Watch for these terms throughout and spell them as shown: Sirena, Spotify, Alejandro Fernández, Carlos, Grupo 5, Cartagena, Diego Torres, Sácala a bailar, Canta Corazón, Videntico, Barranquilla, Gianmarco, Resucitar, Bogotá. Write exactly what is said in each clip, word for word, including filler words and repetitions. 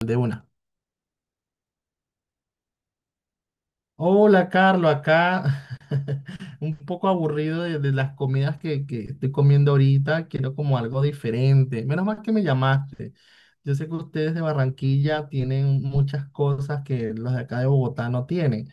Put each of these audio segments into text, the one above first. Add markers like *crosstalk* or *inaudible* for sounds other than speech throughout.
De una. Hola, Carlos, acá *laughs* un poco aburrido de, de las comidas que, que estoy comiendo ahorita. Quiero como algo diferente. Menos mal que me llamaste. Yo sé que ustedes de Barranquilla tienen muchas cosas que los de acá de Bogotá no tienen.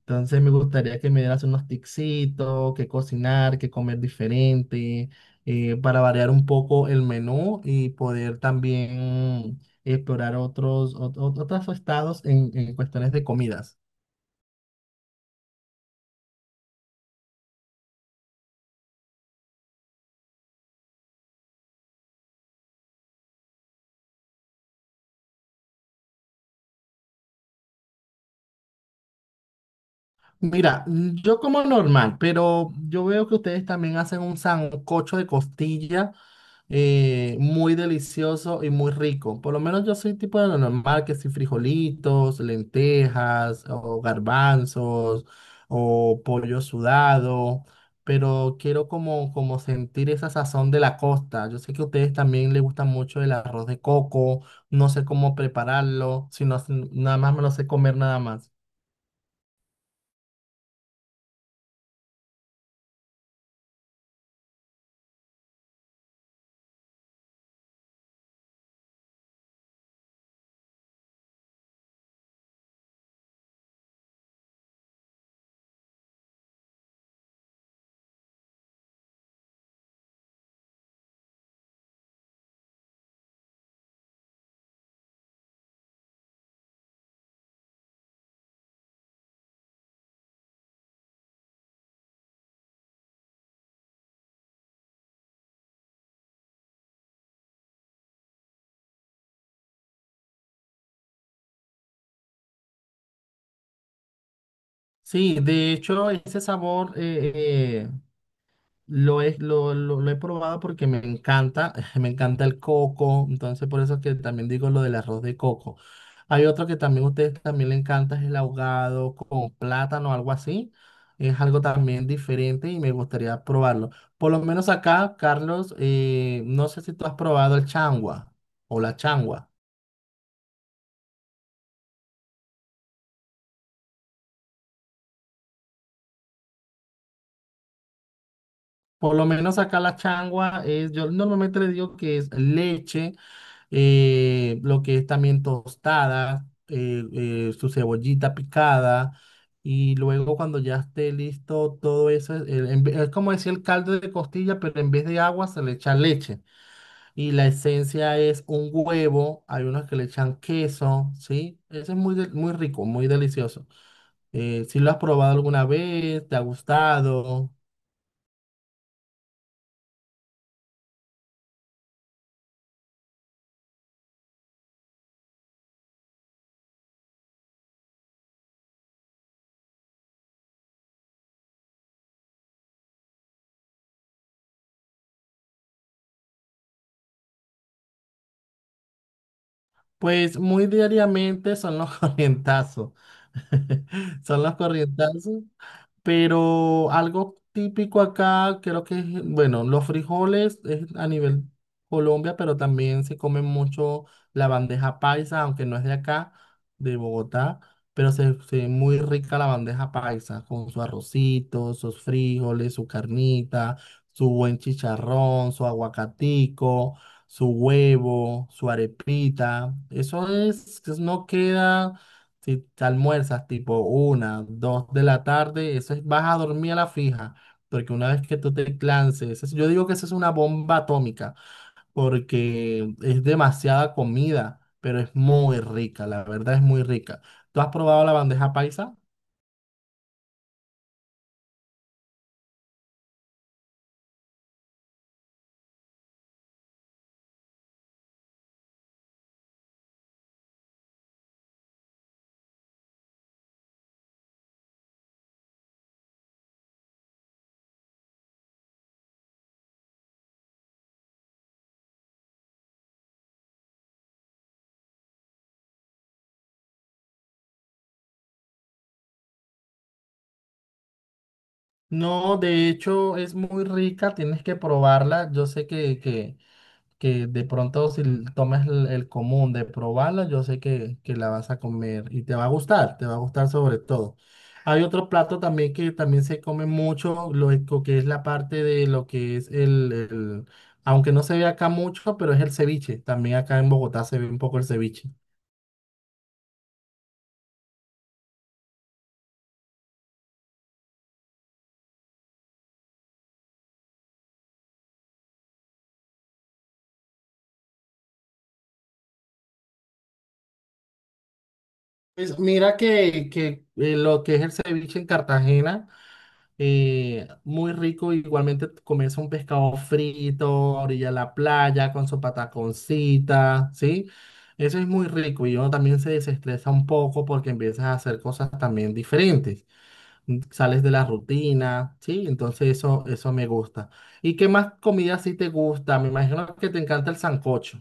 Entonces me gustaría que me dieras unos tipsitos, qué cocinar, qué comer diferente, eh, para variar un poco el menú y poder también explorar otros, ot- ot- otros estados en en cuestiones de comidas. Mira, mm, yo como normal, pero yo veo que ustedes también hacen un sancocho de costilla eh, muy delicioso y muy rico. Por lo menos yo soy tipo de lo normal, que si frijolitos, lentejas o garbanzos o pollo sudado, pero quiero como, como sentir esa sazón de la costa. Yo sé que a ustedes también les gusta mucho el arroz de coco, no sé cómo prepararlo, sino nada más me lo sé comer nada más. Sí, de hecho, ese sabor eh, eh, lo, he, lo, lo- lo he probado porque me encanta, *laughs* me encanta el coco, entonces por eso es que también digo lo del arroz de coco. Hay otro que también a ustedes también le encanta, es el ahogado con plátano, algo así. Es algo también diferente y me gustaría probarlo. Por lo menos acá, Carlos, eh, no sé si tú has probado el changua o la changua. Por lo menos acá la changua es, yo normalmente le digo que es leche, eh, lo que es también tostada, eh, eh, su cebollita picada. Y luego cuando ya esté listo todo eso, es, el- en ve- es como decir el caldo de costilla, pero en vez de agua se le echa leche. Y la esencia es un huevo, hay unos que le echan queso, ¿sí? Eso es muy, de- muy rico, muy delicioso. Eh, si lo has probado alguna vez, ¿te ha gustado? Pues muy diariamente son los *laughs* corrientazos. *laughs* Son los corrientazos. Pero algo típico acá, creo que es, bueno, los frijoles es a nivel Colombia, pero también se come mucho la bandeja paisa, aunque no es de acá, de Bogotá, pero se, se ve muy rica la bandeja paisa, con su arrocito, sus frijoles, su carnita, su buen chicharrón, su aguacatico, su huevo, su arepita. Eso es, eso no queda. Si te almuerzas tipo una, dos de la tarde, eso es, vas a dormir a la fija, porque una vez que tú te lances, eso, yo digo que eso es una bomba atómica, porque es demasiada comida, pero es muy rica, la verdad es muy rica. ¿Tú has probado la bandeja paisa? No, de hecho es muy rica, tienes que probarla. Yo sé que, que que de pronto si l- tomas el, el común de probarla, yo sé que, que la vas a comer y te va a gustar, te va a gustar sobre todo. Hay otro plato también que también se come mucho, lo e- co- que es la parte de lo que es el, el- aunque no se ve acá mucho, pero es el ceviche. También acá en Bogotá se ve un poco el ceviche. Pues mira que, que eh, lo que es el ceviche en Cartagena. Eh, muy rico, igualmente comerse un pescado frito, orilla de la playa, con su pataconcita, ¿sí? Eso es muy rico y uno también se desestresa un poco porque empiezas a hacer cosas también diferentes, mm, sales de la rutina, ¿sí? Entonces eso, eso me gusta. ¿Y qué más comida sí te gusta? Me imagino que te encanta el sancocho.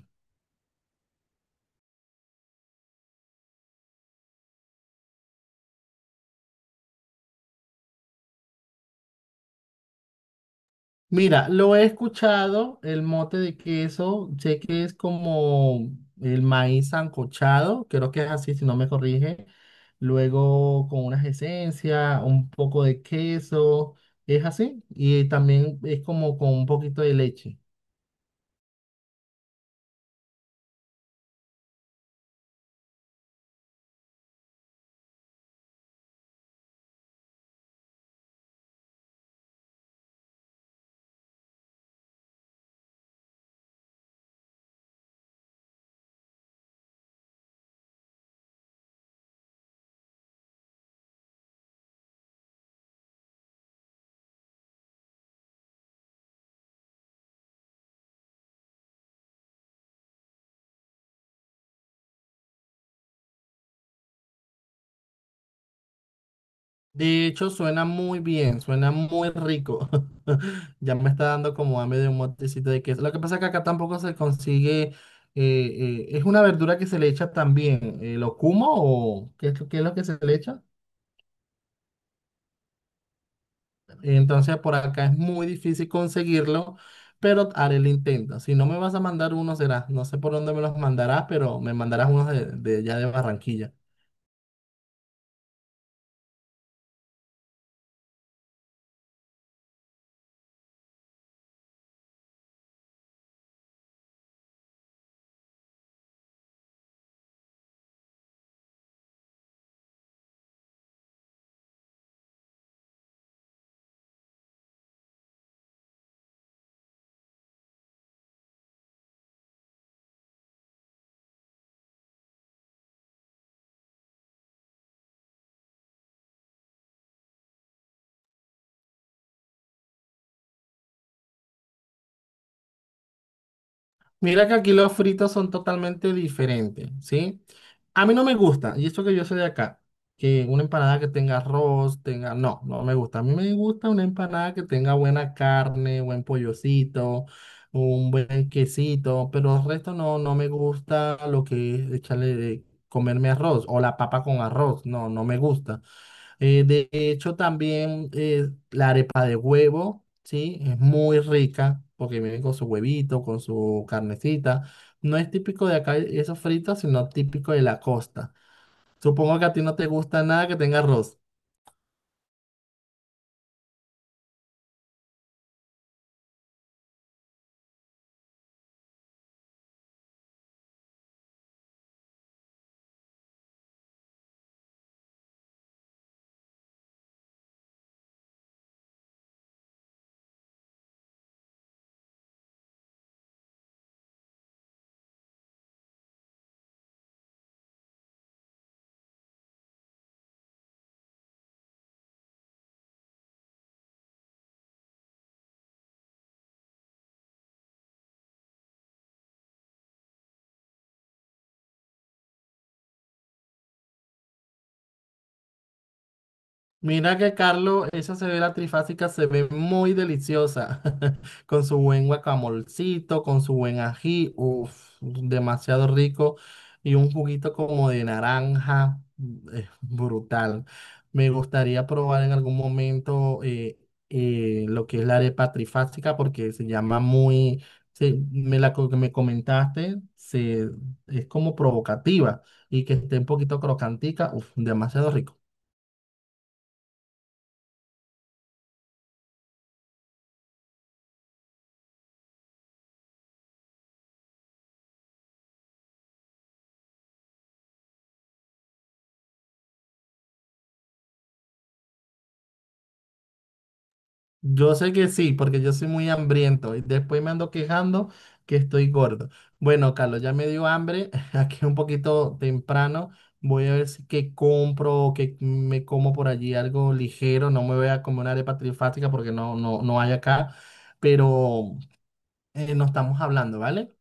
Mira, lo he escuchado, el mote de queso, sé que es como el maíz sancochado, creo que es así, si no me corrige. Luego con unas esencias, un poco de queso, es así. Y también es como con un poquito de leche. De hecho, suena muy bien, suena muy rico. *laughs* Ya me está dando como hambre de un motecito de queso. Lo que pasa es que acá tampoco se consigue, eh, eh, es una verdura que se le echa también, eh, locuma o qué, es lo qué es lo que se le echa. Entonces por acá es muy difícil conseguirlo, pero haré el intento. Si no me vas a mandar uno será, no sé por dónde me los mandarás, pero me mandarás unos de, de allá de Barranquilla. Mira que aquí los fritos son totalmente diferentes, ¿sí? A mí no me gusta, y esto que yo soy de acá, que una empanada que tenga arroz, tenga... No, no me gusta. A mí me gusta una empanada que tenga buena carne, buen pollocito, un buen quesito, pero el resto no, no me gusta lo que es echarle, de- comerme arroz o la papa con arroz, no, no me gusta. Eh, de hecho, también eh, la arepa de huevo, ¿sí? Es muy rica porque viene con su huevito, con su carnecita. No es típico de acá eso frito, sino típico de la costa. Supongo que a ti no te gusta nada que tenga arroz. Mira que Carlos, esa cebolla trifásica se ve muy deliciosa, *laughs* con su buen guacamolcito, con su buen ají, uff, demasiado rico, y un juguito como de naranja, eh, brutal. Me gustaría probar en algún momento eh, eh, lo que es la arepa trifásica, porque se llama muy, se- me la co- que me comentaste, se, es como provocativa, y que esté un poquito crocantica, uff, demasiado rico. Yo sé que sí, porque yo soy muy hambriento y después me ando quejando que estoy gordo. Bueno, Carlos, ya me dio hambre, *laughs* aquí es un poquito temprano. Voy a ver si que compro o que me como por allí algo ligero. No me voy a comer una arepa trifática porque no, no, no hay acá. Pero eh, no estamos hablando, ¿vale?